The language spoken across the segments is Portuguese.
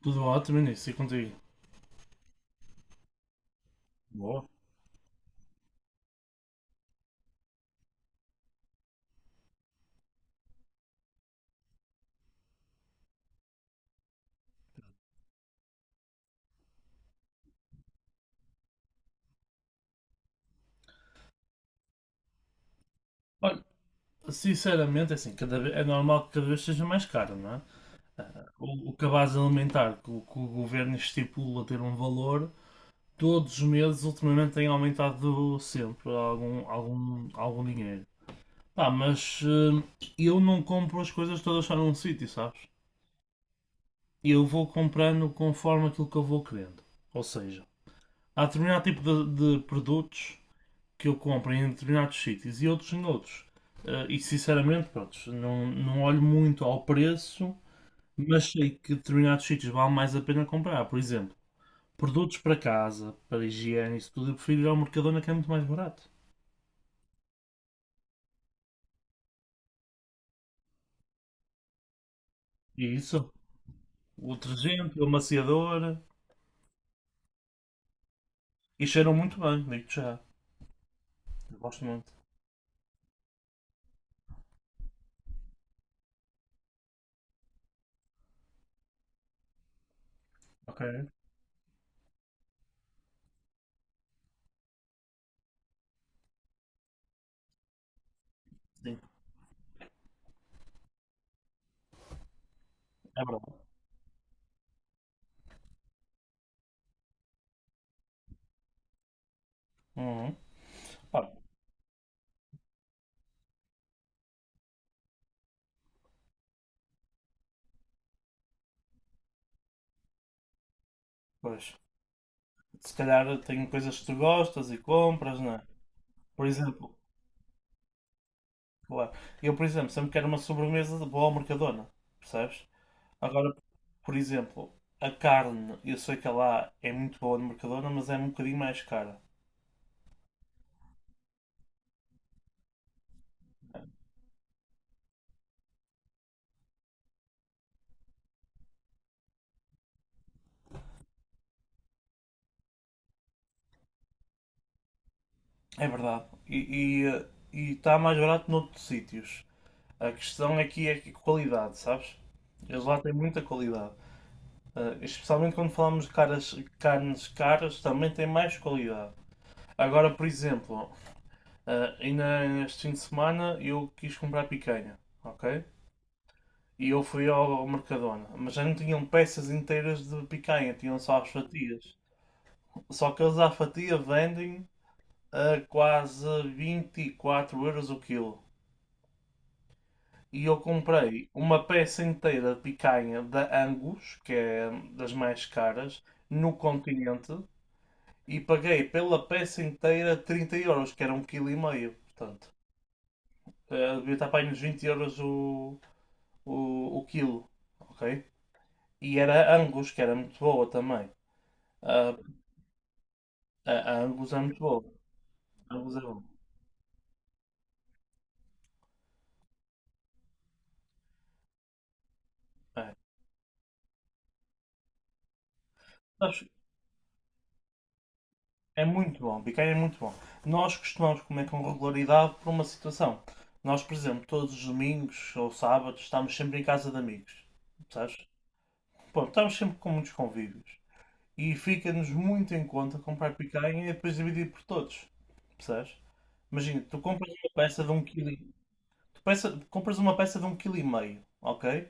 Tudo ótimo, nisso, e contigo? Boa. Olha, sinceramente, é assim, cada vez, é normal que cada vez seja mais caro, não é? O cabaz alimentar que o governo estipula ter um valor, todos os meses ultimamente tem aumentado sempre algum dinheiro. Pá, mas eh, eu não compro as coisas todas só num sítio, sabes? Eu vou comprando conforme aquilo que eu vou querendo. Ou seja, há determinado tipo de produtos que eu compro em determinados sítios e outros em outros. Eh, e sinceramente, pronto, não olho muito ao preço, mas sei que determinados sítios vale mais a pena comprar. Por exemplo, produtos para casa, para higiene, isso tudo, eu prefiro ir ao Mercadona que é muito mais barato. E isso, o detergente, o amaciador, e cheiram muito bem, digo-te já. Eu gosto muito. Ok? Sim, é verdade. Uhum. Pá, pois, se calhar tem coisas que tu gostas e compras, não é? Por exemplo. Claro. Eu, por exemplo, sempre quero uma sobremesa de boa ao Mercadona, percebes? Agora, por exemplo, a carne, eu sei que ela é muito boa no Mercadona, mas é um bocadinho mais cara. É verdade. E, eh, e está mais barato noutros sítios. A questão aqui é que qualidade, sabes? Eles lá têm muita qualidade. Ah, especialmente quando falamos de caras, carnes caras, também tem mais qualidade. Agora, por exemplo, ah, ainda este fim de semana eu quis comprar picanha, ok? E eu fui ao Mercadona. Mas já não tinham peças inteiras de picanha, tinham só as fatias. Só que eles à fatia vendem a quase 24 euros o quilo. E eu comprei uma peça inteira de picanha da Angus, que é das mais caras, no Continente. E paguei pela peça inteira 30 euros, que era um quilo e meio. Portanto, eh, devia estar para aí nos 20 euros o quilo, ok? E era Angus, que era muito boa também. Ah, A Angus é muito bom. A Angus é bom. É. Sabes, é muito bom. Biqueira é muito bom. Nós costumamos comer com regularidade por uma situação. Nós, por exemplo, todos os domingos ou sábados estamos sempre em casa de amigos. Sabes? Bom, estamos sempre com muitos convívios. E fica-nos muito em conta comprar picanha e depois dividir por todos. Percebes? Imagina, tu compras uma peça de um quilo. Tu compras uma peça de um quilo e meio, ok?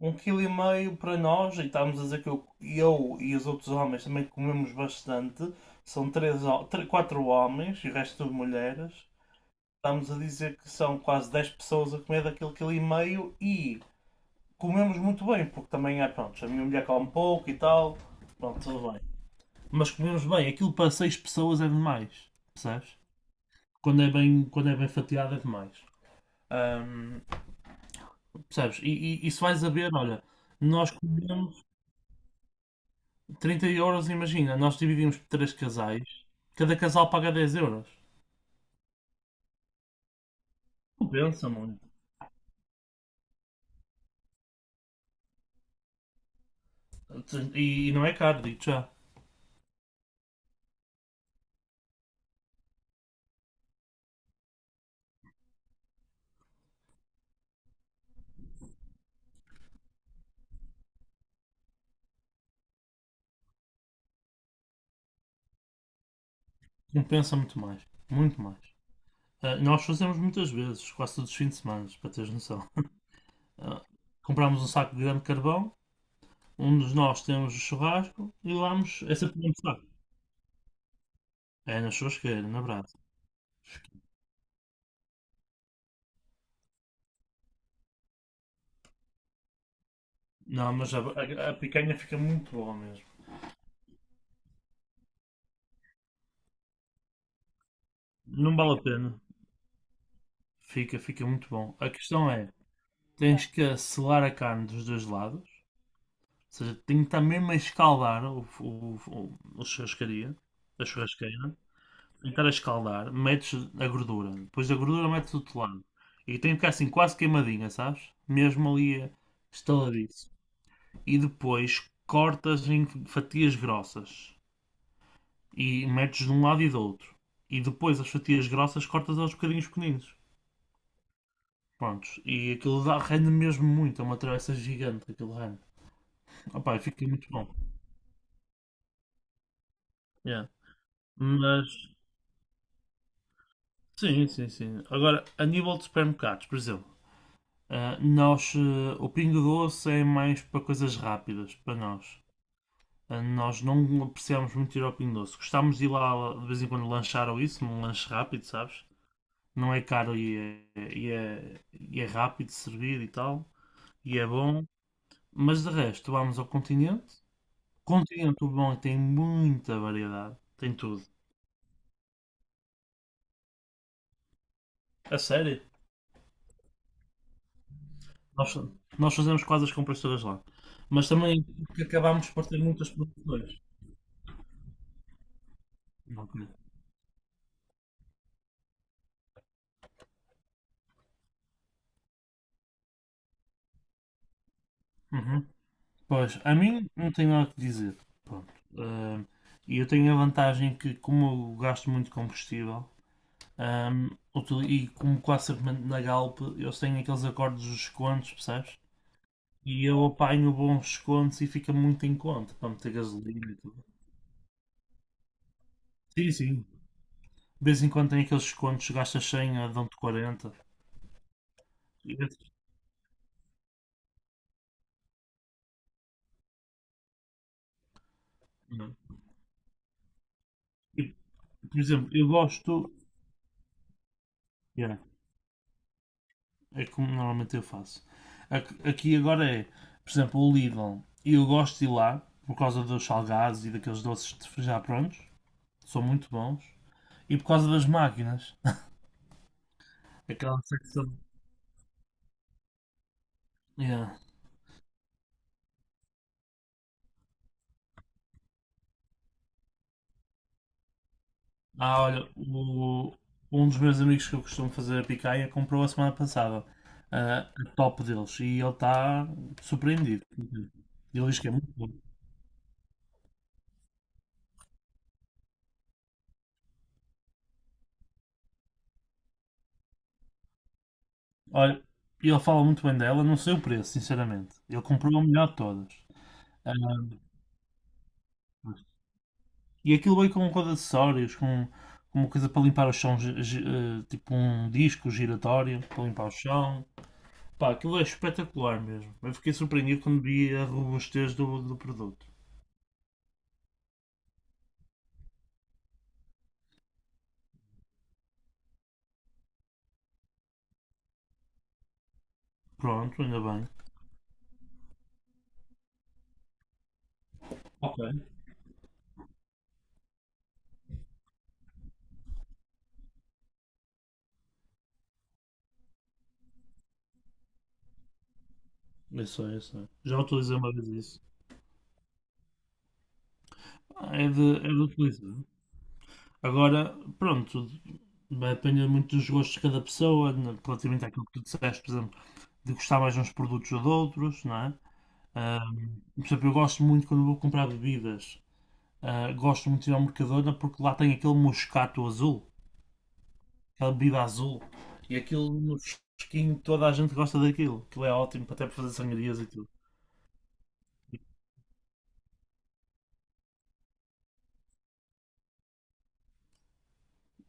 Um quilo e meio para nós, e estávamos a dizer que eu e os outros homens também comemos bastante. São três, quatro homens e o resto de mulheres. Estamos a dizer que são quase 10 pessoas a comer daquele quilo e meio e comemos muito bem, porque também é, pronto, a minha mulher come pouco e tal. Pronto, tudo bem. Mas comemos bem, aquilo para seis pessoas é demais, percebes? Quando é bem fatiado é demais. Ahm, Percebes? E se vais a ver, olha, nós comemos 30 euros, imagina, nós dividimos por três casais, cada casal paga 10 euros. Compensa muito. E não é caro, digo já. Compensa muito mais. Muito mais. Ah, nós fazemos muitas vezes, quase todos os fins de semana, para teres noção. Ah, compramos um saco de grande carvão, um de nós temos o churrasco e vamos. É sempre o saco. É na churrasqueira, na brasa. Não, mas a picanha fica muito boa mesmo. Não vale a pena. Fica muito bom. A questão é, tens que selar a carne dos dois lados seja, tenho que estar mesmo a escaldar o churrascaria, a churrasqueira, tenho que estar a escaldar, metes a gordura, depois da gordura metes o telado. E tem que ficar assim quase queimadinha, sabes? Mesmo ali eh, estaladiço. E depois cortas em fatias grossas e metes de um lado e do outro. E depois as fatias grossas cortas aos bocadinhos pequeninos. Prontos. E aquilo dá, rende mesmo muito. É uma travessa gigante aquilo rende. Opá, fica muito bom. Yeah. Mas sim, sim, sim. Agora, a nível de supermercados, por exemplo, ah, nós, eh, o Pingo Doce é mais para coisas rápidas, para nós. Ah, nós não apreciamos muito ir ao Pingo Doce. Gostamos de ir lá de vez em quando lanchar ou isso, num lanche rápido, sabes? Não é caro e é rápido de servir e tal, e é bom. Mas de resto, vamos ao Continente. Continente, o bom é que tem muita variedade, tem tudo. A sério? Nós, nós fazemos quase as compras todas lá. Mas também que acabámos por ter muitas produções. Ok. Uhum. Pois, a mim não tenho nada que dizer. Pronto. Ah, e eu tenho a vantagem que, como eu gasto muito combustível, ah, e como quase sempre mando na Galp, eu tenho aqueles acordos dos descontos, percebes? E eu apanho bons descontos e fica muito em conta para meter gasolina e tudo. Sim, sim. De vez em quando tem aqueles descontos, gastas 100, ah, dão-te 40. E, esses, não. Por exemplo, eu gosto. Yeah, é como normalmente eu faço. Aqui agora é, por exemplo, o Lidl. Eu gosto de ir lá por causa dos salgados e daqueles doces já prontos. São muito bons. E por causa das máquinas. Aquela secção. Yeah. Ah, olha, um dos meus amigos que eu costumo fazer a picanha comprou a semana passada ah, a top deles e ele está surpreendido. Ele diz que é muito bom. Olha, ele fala muito bem dela, não sei o preço, sinceramente. Ele comprou a melhor de todas. Ah, e aquilo veio com acessórios, com uma coisa para limpar o chão, tipo um disco giratório para limpar o chão. Pá, aquilo é espetacular mesmo. Eu fiquei surpreendido quando vi a robustez do produto. Pronto, ainda bem. Ok. Isso é, isso é. Já utilizei uma vez isso. É de utilizar. Agora, pronto, vai depender muito dos gostos de cada pessoa, né, relativamente àquilo que tu disseste, por exemplo. De gostar mais de uns produtos ou de outros, não é? Ah, por exemplo, eu gosto muito quando vou comprar bebidas, ah, gosto muito de ir ao Mercadona porque lá tem aquele moscato azul, aquela bebida azul, e aquilo no fresquinho toda a gente gosta daquilo, aquilo é ótimo até para fazer sangrias e tudo.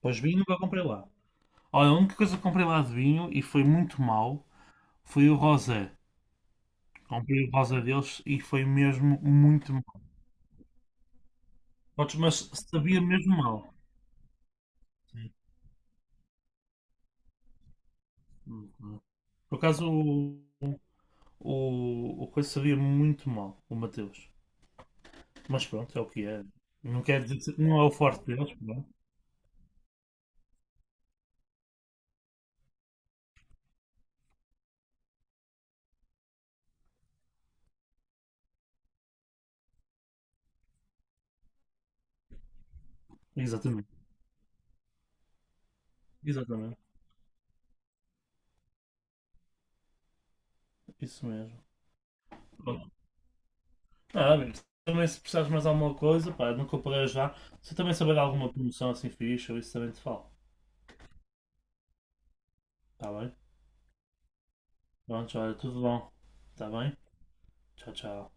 Pois vinho nunca comprei lá. Olha, a única coisa que comprei lá de vinho e foi muito mau foi o rosé. Comprei o rosé deles e foi mesmo muito mau. Mas sabia mesmo mal. Sim. Por acaso, o coisa sabia muito mal, o Mateus. Mas pronto, é o que é. Não quer dizer que não é o forte deles, pronto. Exatamente, exatamente, isso mesmo. Pronto. Ah, amigo, também se precisares mais alguma coisa, pá, nunca parei já. Se também saber alguma promoção assim fixe, eu isso também te falo. Tá bem? Pronto, olha, tudo bom. Tá bem? Tchau, tchau.